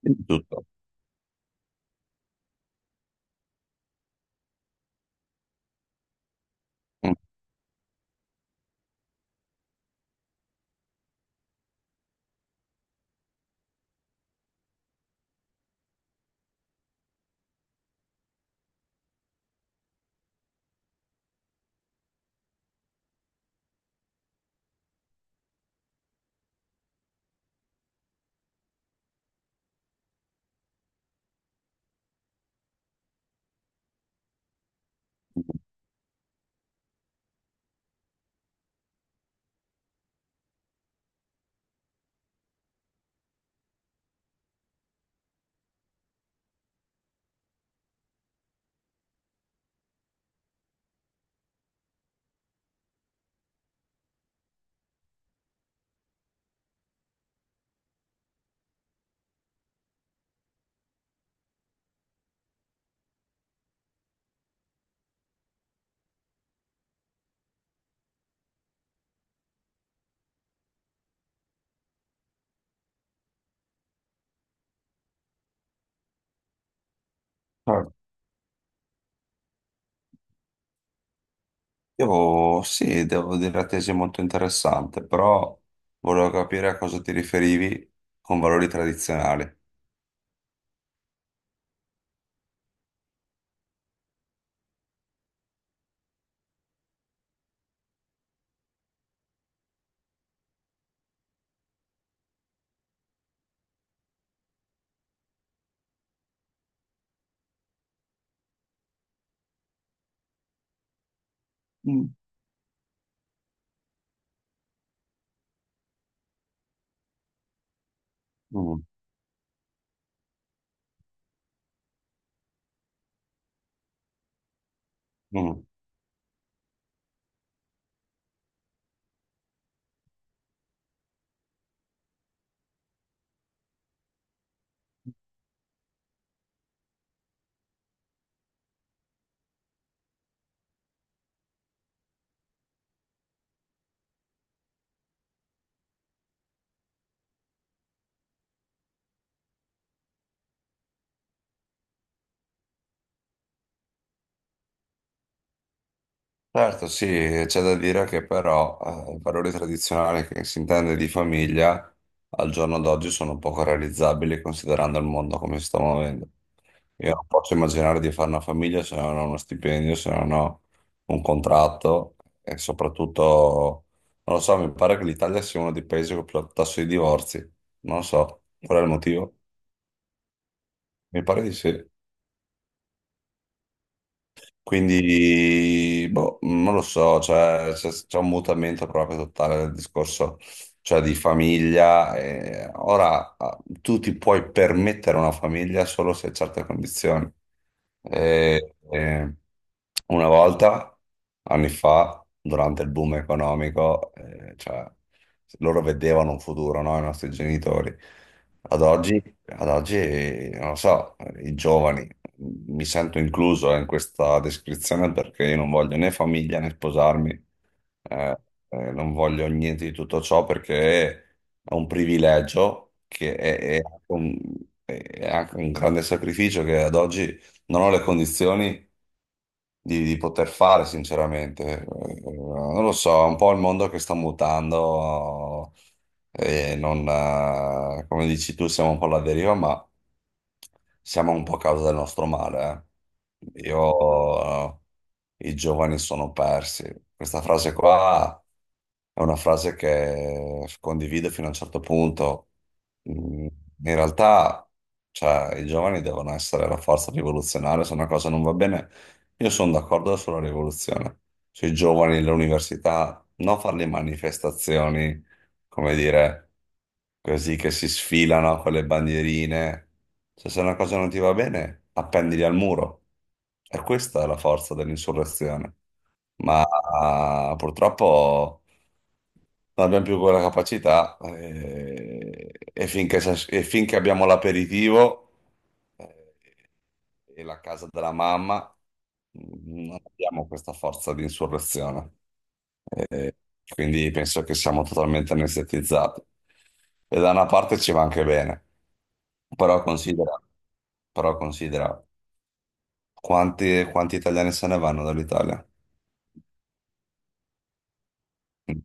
Di tutto. Mm. Certo. Devo, sì, devo dire la tesi è molto interessante, però volevo capire a cosa ti riferivi con valori tradizionali. Mm. Mm, mm. Certo, sì, c'è da dire che però i valori tradizionali che si intende di famiglia al giorno d'oggi sono poco realizzabili considerando il mondo come si sta muovendo. Io non posso immaginare di fare una famiglia se non ho uno stipendio, se non ho un contratto e soprattutto, non lo so, mi pare che l'Italia sia uno dei paesi con più alto tasso di divorzi. Non lo so, qual è il motivo? Mi pare di sì. Quindi, boh, non lo so, cioè, c'è un mutamento proprio totale del discorso, cioè di famiglia. E ora tu ti puoi permettere una famiglia solo se hai certe condizioni. E una volta, anni fa, durante il boom economico, cioè, loro vedevano un futuro, no? I nostri genitori. Ad oggi ad oggi, non lo so, i giovani, mi sento incluso in questa descrizione perché io non voglio né famiglia né sposarmi, eh, non voglio niente di tutto ciò perché è un privilegio che è anche un grande sacrificio che ad oggi non ho le condizioni di poter fare, sinceramente. Non lo so, è un po' il mondo che sta mutando e non, come dici tu, siamo un po' alla deriva, ma siamo un po' a causa del nostro male. Io, i giovani sono persi. Questa frase qua è una frase che condivido fino a un certo punto. Mm, In realtà, cioè, i giovani devono essere la forza rivoluzionaria, se una cosa non va bene, io sono d'accordo sulla rivoluzione, sui giovani, le università, non fare le manifestazioni come dire, così che si sfilano con le bandierine. Cioè, se una cosa non ti va bene, appendili al muro. E questa è la forza dell'insurrezione. Ma purtroppo non abbiamo più quella capacità e finché abbiamo l'aperitivo eh, e la casa della mamma, non abbiamo questa forza di insurrezione. Eh, quindi penso che siamo totalmente anestetizzati. E da una parte ci va anche bene, però considera, però considera quanti, quanti italiani se ne vanno dall'Italia. Mm.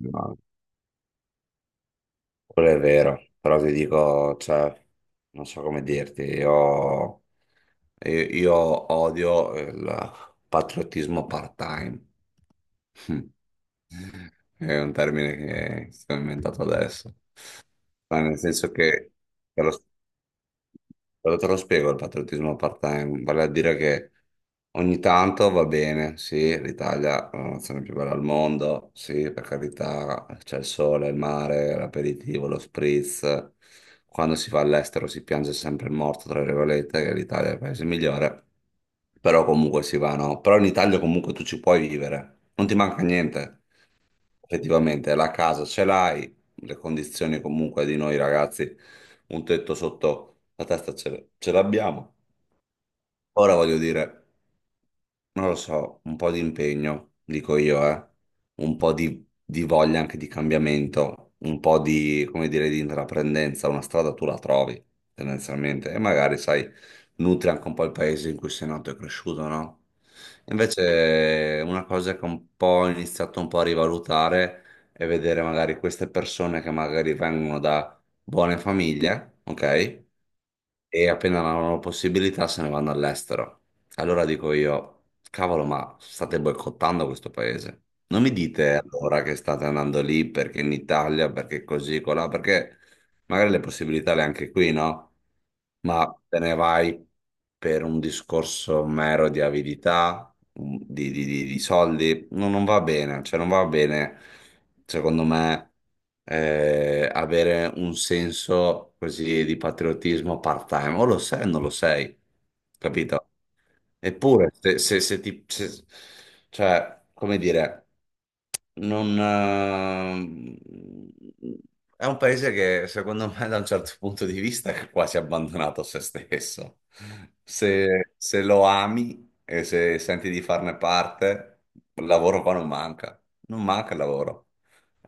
No, quello è vero, però ti dico, cioè, non so come dirti, io, io odio il patriottismo part-time. È un termine che sto inventando adesso, ma nel senso che. Però te lo spiego il patriottismo part-time, vale a dire che ogni tanto va bene, sì, l'Italia è la nazione più bella al mondo, sì, per carità, c'è il sole, il mare, l'aperitivo, lo spritz. Quando si va all'estero si piange sempre il morto, tra virgolette, che l'Italia è il paese migliore, però comunque si va, no? Però in Italia comunque tu ci puoi vivere, non ti manca niente. Effettivamente la casa ce l'hai, le condizioni comunque di noi ragazzi, un tetto sotto la testa ce l'abbiamo. Ora voglio dire non lo so, un po' di impegno, dico io, eh. Un po' di voglia anche di cambiamento, un po' di, come dire, di intraprendenza, una strada tu la trovi, tendenzialmente, e magari, sai, nutri anche un po' il paese in cui sei nato e cresciuto, no? Invece una cosa che un po' ho iniziato un po' a rivalutare è vedere magari queste persone che magari vengono da buone famiglie, ok? E appena hanno la possibilità se ne vanno all'estero. Allora dico io, cavolo, ma state boicottando questo paese. Non mi dite allora che state andando lì perché in Italia, perché così, colà, perché magari le possibilità le hai anche qui, no? Ma te ne vai per un discorso mero di avidità, di soldi, no, non va bene, cioè non va bene, secondo me, avere un senso così di patriottismo part-time, o lo sei o non lo sei, capito? Eppure, se, se- se ti... se- cioè, come dire non, è un paese che secondo me da un certo punto di vista è quasi abbandonato a se stesso. Se lo ami e se senti di farne parte, il lavoro qua non manca, non manca il lavoro.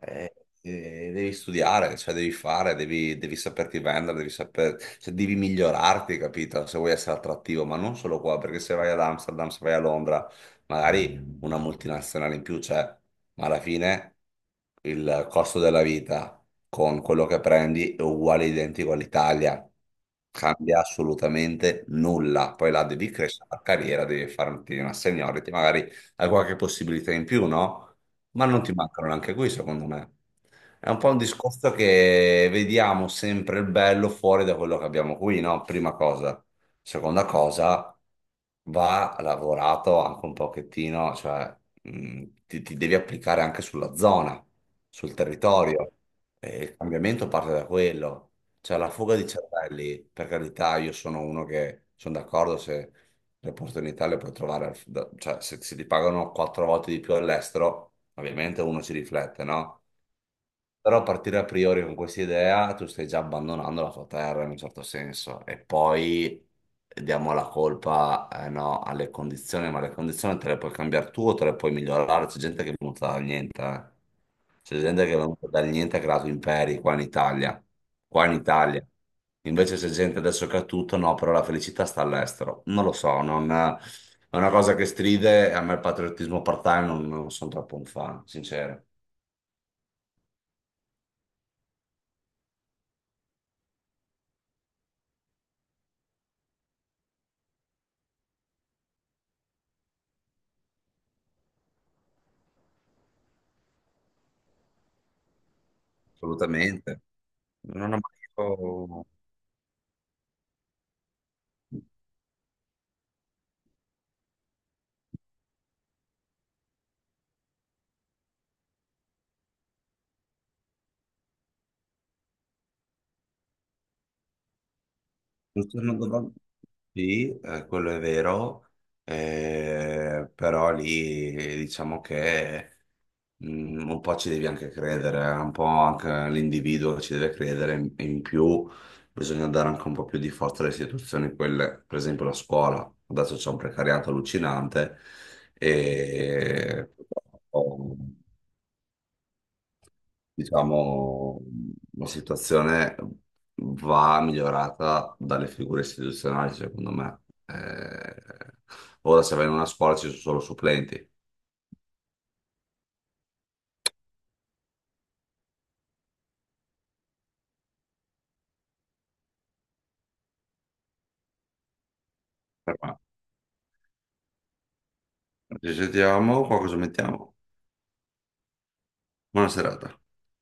Eh, devi studiare, cioè devi fare, devi saperti vendere, cioè devi migliorarti, capito? Se vuoi essere attrattivo, ma non solo qua, perché se vai ad Amsterdam, se vai a Londra, magari una multinazionale in più, cioè, ma alla fine il costo della vita con quello che prendi è uguale identico all'Italia. Cambia assolutamente nulla. Poi là devi crescere la carriera, devi farti una seniority, magari hai qualche possibilità in più, no? Ma non ti mancano neanche qui, secondo me. È un po' un discorso che vediamo sempre il bello fuori da quello che abbiamo qui, no? Prima cosa. Seconda cosa, va lavorato anche un pochettino, cioè ti devi applicare anche sulla zona, sul territorio. E il cambiamento parte da quello. Cioè la fuga di cervelli, per carità, io sono uno che sono d'accordo se le opportunità le puoi trovare, cioè se ti pagano quattro volte di più all'estero, ovviamente uno ci riflette, no? Però partire a priori con questa idea, tu stai già abbandonando la tua terra in un certo senso e poi diamo la colpa, no, alle condizioni, ma le condizioni te le puoi cambiare tu o te le puoi migliorare. C'è gente che è venuta dal niente, eh. C'è gente che è venuta dal niente e ha creato imperi qua in Italia, qua in Italia. Invece c'è gente adesso che ha tutto, no, però la felicità sta all'estero. Non lo so, non è una cosa che stride, a me il patriottismo part-time non sono troppo un fan, sincero. Assolutamente. Non ho mai. Oh, giusto, non dovrò- sì, quello è vero, però lì diciamo che un po' ci devi anche credere, un po' anche l'individuo ci deve credere, in più bisogna dare anche un po' più di forza alle istituzioni, quelle, per esempio la scuola, adesso c'è un precariato allucinante e... Diciamo, la situazione va migliorata dalle figure istituzionali, secondo me. Ora se vai in una scuola ci sono solo supplenti. Però. Ci sentiamo, qua cosa mettiamo? Buona serata.